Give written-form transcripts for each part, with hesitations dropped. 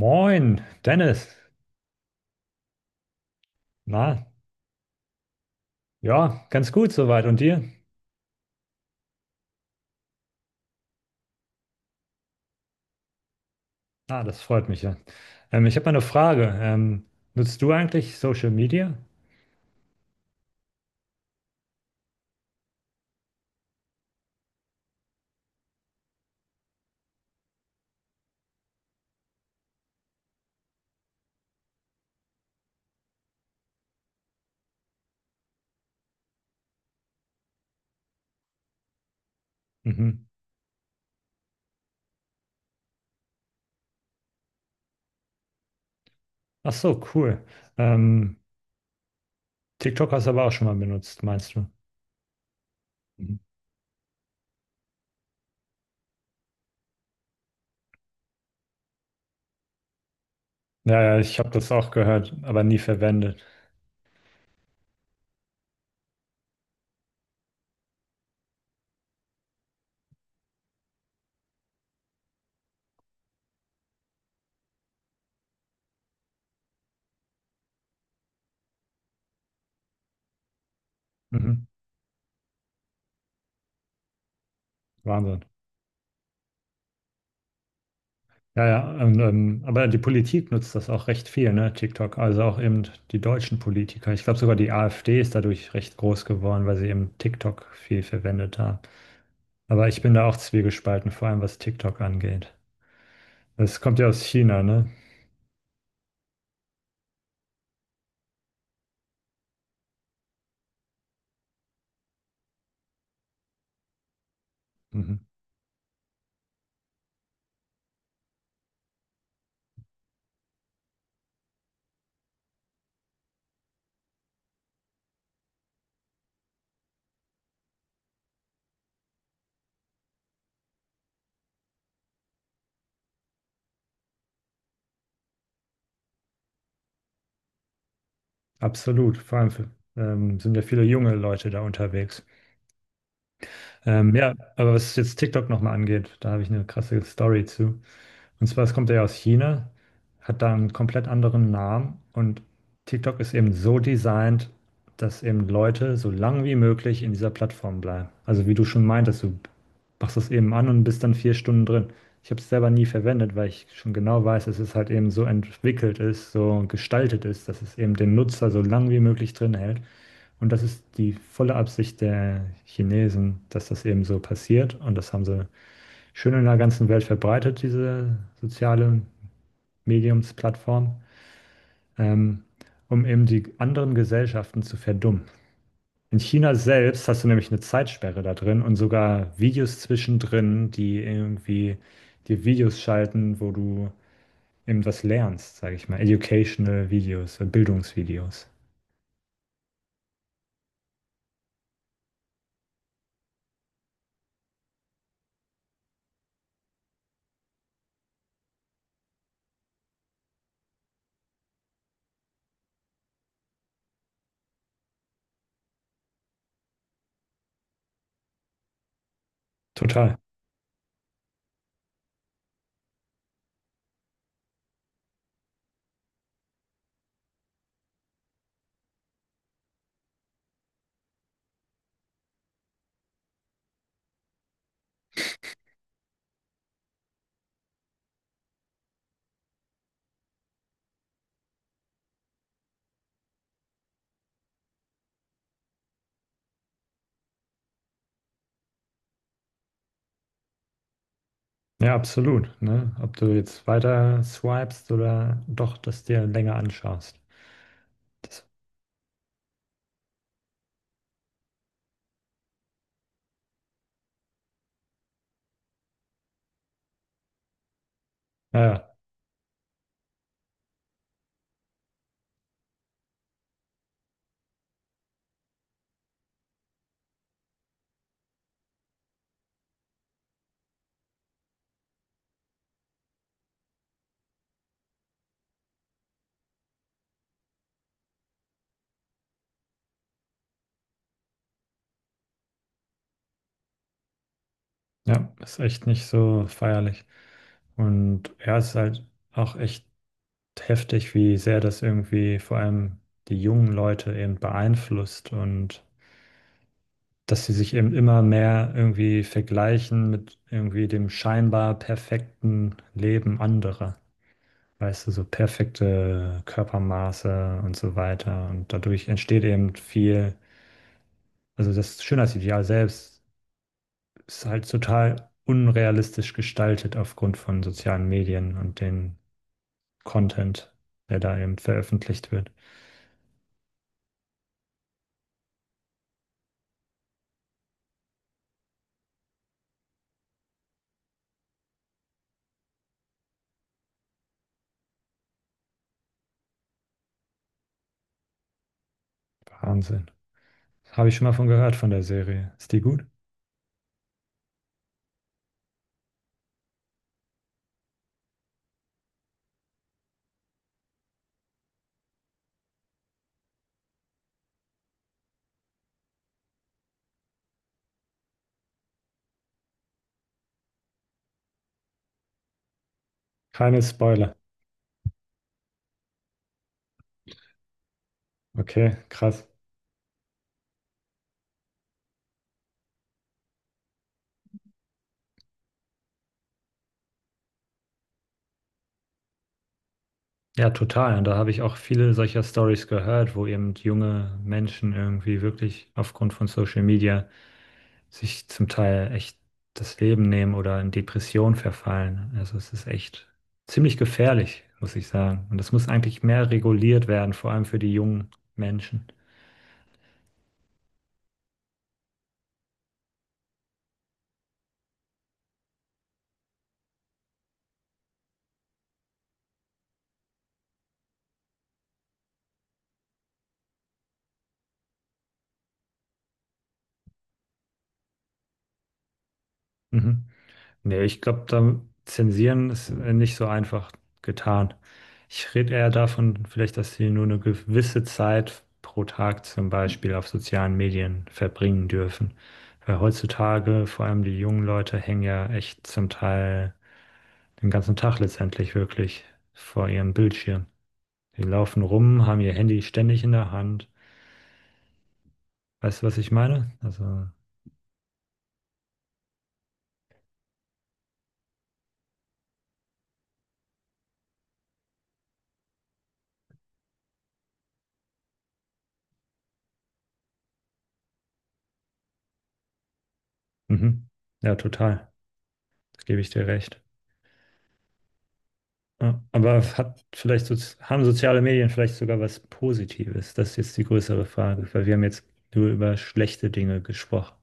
Moin, Dennis. Na, ja, ganz gut soweit. Und dir? Ah, das freut mich ja. Ich habe mal eine Frage. Nutzt du eigentlich Social Media? Mhm. Ach so, cool. Ähm, TikTok hast du aber auch schon mal benutzt, meinst du? Mhm. Ja, ja, ich habe das auch gehört, aber nie verwendet. Mhm. Wahnsinn. Ja, ja. Und, aber die Politik nutzt das auch recht viel, ne? TikTok. Also auch eben die deutschen Politiker. Ich glaube sogar die AfD ist dadurch recht groß geworden, weil sie eben TikTok viel verwendet haben. Aber ich bin da auch zwiegespalten, vor allem was TikTok angeht. Es kommt ja aus China, ne? Mhm. Absolut. Vor allem für, sind ja viele junge Leute da unterwegs. Ja, aber was jetzt TikTok nochmal angeht, da habe ich eine krasse Story zu. Und zwar, es kommt ja aus China, hat da einen komplett anderen Namen und TikTok ist eben so designt, dass eben Leute so lang wie möglich in dieser Plattform bleiben. Also wie du schon meintest, du machst das eben an und bist dann 4 Stunden drin. Ich habe es selber nie verwendet, weil ich schon genau weiß, dass es halt eben so entwickelt ist, so gestaltet ist, dass es eben den Nutzer so lang wie möglich drin hält. Und das ist die volle Absicht der Chinesen, dass das eben so passiert. Und das haben sie schön in der ganzen Welt verbreitet, diese soziale Mediumsplattform, ähm, um eben die anderen Gesellschaften zu verdummen. In China selbst hast du nämlich eine Zeitsperre da drin und sogar Videos zwischendrin, die irgendwie dir Videos schalten, wo du eben was lernst, sage ich mal. Educational Videos, Bildungsvideos. Total. Ja, absolut. Ne? Ob du jetzt weiter swipest oder doch dass dir länger anschaust. Das, naja, ja, ist echt nicht so feierlich. Und ja, es ist halt auch echt heftig, wie sehr das irgendwie vor allem die jungen Leute eben beeinflusst und dass sie sich eben immer mehr irgendwie vergleichen mit irgendwie dem scheinbar perfekten Leben anderer. Weißt du, so perfekte Körpermaße und so weiter. Und dadurch entsteht eben viel, also das Schönheitsideal selbst ist halt total unrealistisch gestaltet aufgrund von sozialen Medien und den Content, der da eben veröffentlicht wird. Wahnsinn. Habe ich schon mal von gehört von der Serie. Ist die gut? Keine Spoiler. Okay, krass. Ja, total. Und da habe ich auch viele solcher Stories gehört, wo eben junge Menschen irgendwie wirklich aufgrund von Social Media sich zum Teil echt das Leben nehmen oder in Depression verfallen. Also es ist echt ziemlich gefährlich, muss ich sagen. Und das muss eigentlich mehr reguliert werden, vor allem für die jungen Menschen. Mhm. Nee, ich glaube, da zensieren ist nicht so einfach getan. Ich rede eher davon, vielleicht, dass sie nur eine gewisse Zeit pro Tag zum Beispiel auf sozialen Medien verbringen dürfen. Weil heutzutage, vor allem die jungen Leute, hängen ja echt zum Teil den ganzen Tag letztendlich wirklich vor ihrem Bildschirm. Die laufen rum, haben ihr Handy ständig in der Hand. Weißt du, was ich meine? Also, mhm. Ja, total. Das gebe ich dir recht. Ja, aber hat vielleicht haben soziale Medien vielleicht sogar was Positives? Das ist jetzt die größere Frage, weil wir haben jetzt nur über schlechte Dinge gesprochen.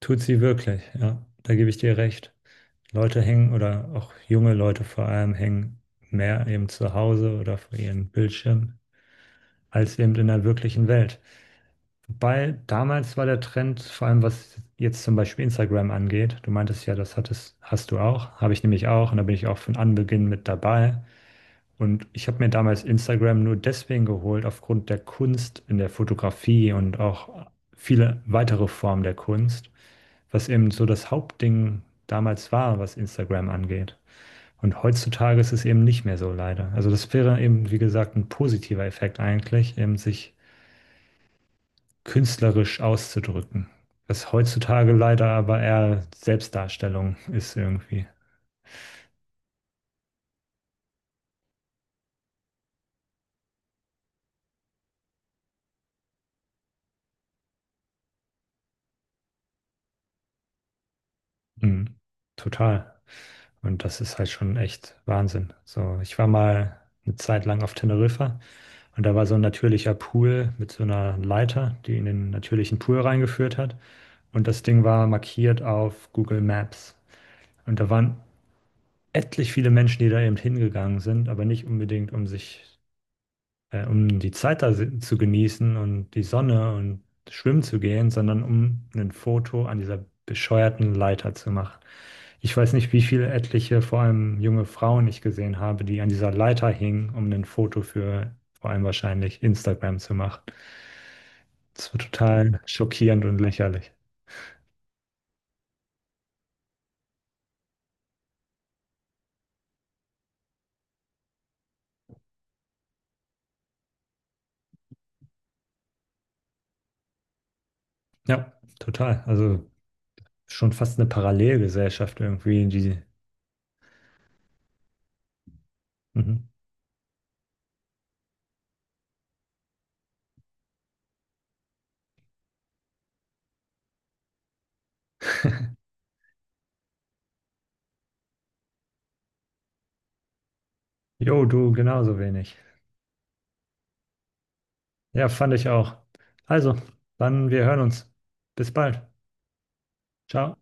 Tut sie wirklich, ja, da gebe ich dir recht. Leute hängen oder auch junge Leute vor allem hängen mehr eben zu Hause oder vor ihren Bildschirmen als eben in der wirklichen Welt. Wobei damals war der Trend, vor allem was jetzt zum Beispiel Instagram angeht, du meintest ja, das hattest, hast du auch, habe ich nämlich auch und da bin ich auch von Anbeginn mit dabei. Und ich habe mir damals Instagram nur deswegen geholt, aufgrund der Kunst in der Fotografie und auch viele weitere Formen der Kunst, was eben so das Hauptding damals war, was Instagram angeht. Und heutzutage ist es eben nicht mehr so leider. Also das wäre eben, wie gesagt, ein positiver Effekt eigentlich, eben sich künstlerisch auszudrücken. Was heutzutage leider aber eher Selbstdarstellung ist irgendwie. Mhm. Total. Und das ist halt schon echt Wahnsinn. So, ich war mal eine Zeit lang auf Teneriffa und da war so ein natürlicher Pool mit so einer Leiter, die in den natürlichen Pool reingeführt hat. Und das Ding war markiert auf Google Maps. Und da waren etlich viele Menschen, die da eben hingegangen sind, aber nicht unbedingt, um sich um die Zeit da zu genießen und die Sonne und schwimmen zu gehen, sondern um ein Foto an dieser bescheuerten Leiter zu machen. Ich weiß nicht, wie viele etliche, vor allem junge Frauen ich gesehen habe, die an dieser Leiter hingen, um ein Foto für vor allem wahrscheinlich Instagram zu machen. Das war total schockierend und lächerlich. Ja, total. Also schon fast eine Parallelgesellschaft irgendwie, die. Mhm. Jo, du genauso wenig. Ja, fand ich auch. Also, dann wir hören uns. Bis bald. Ciao.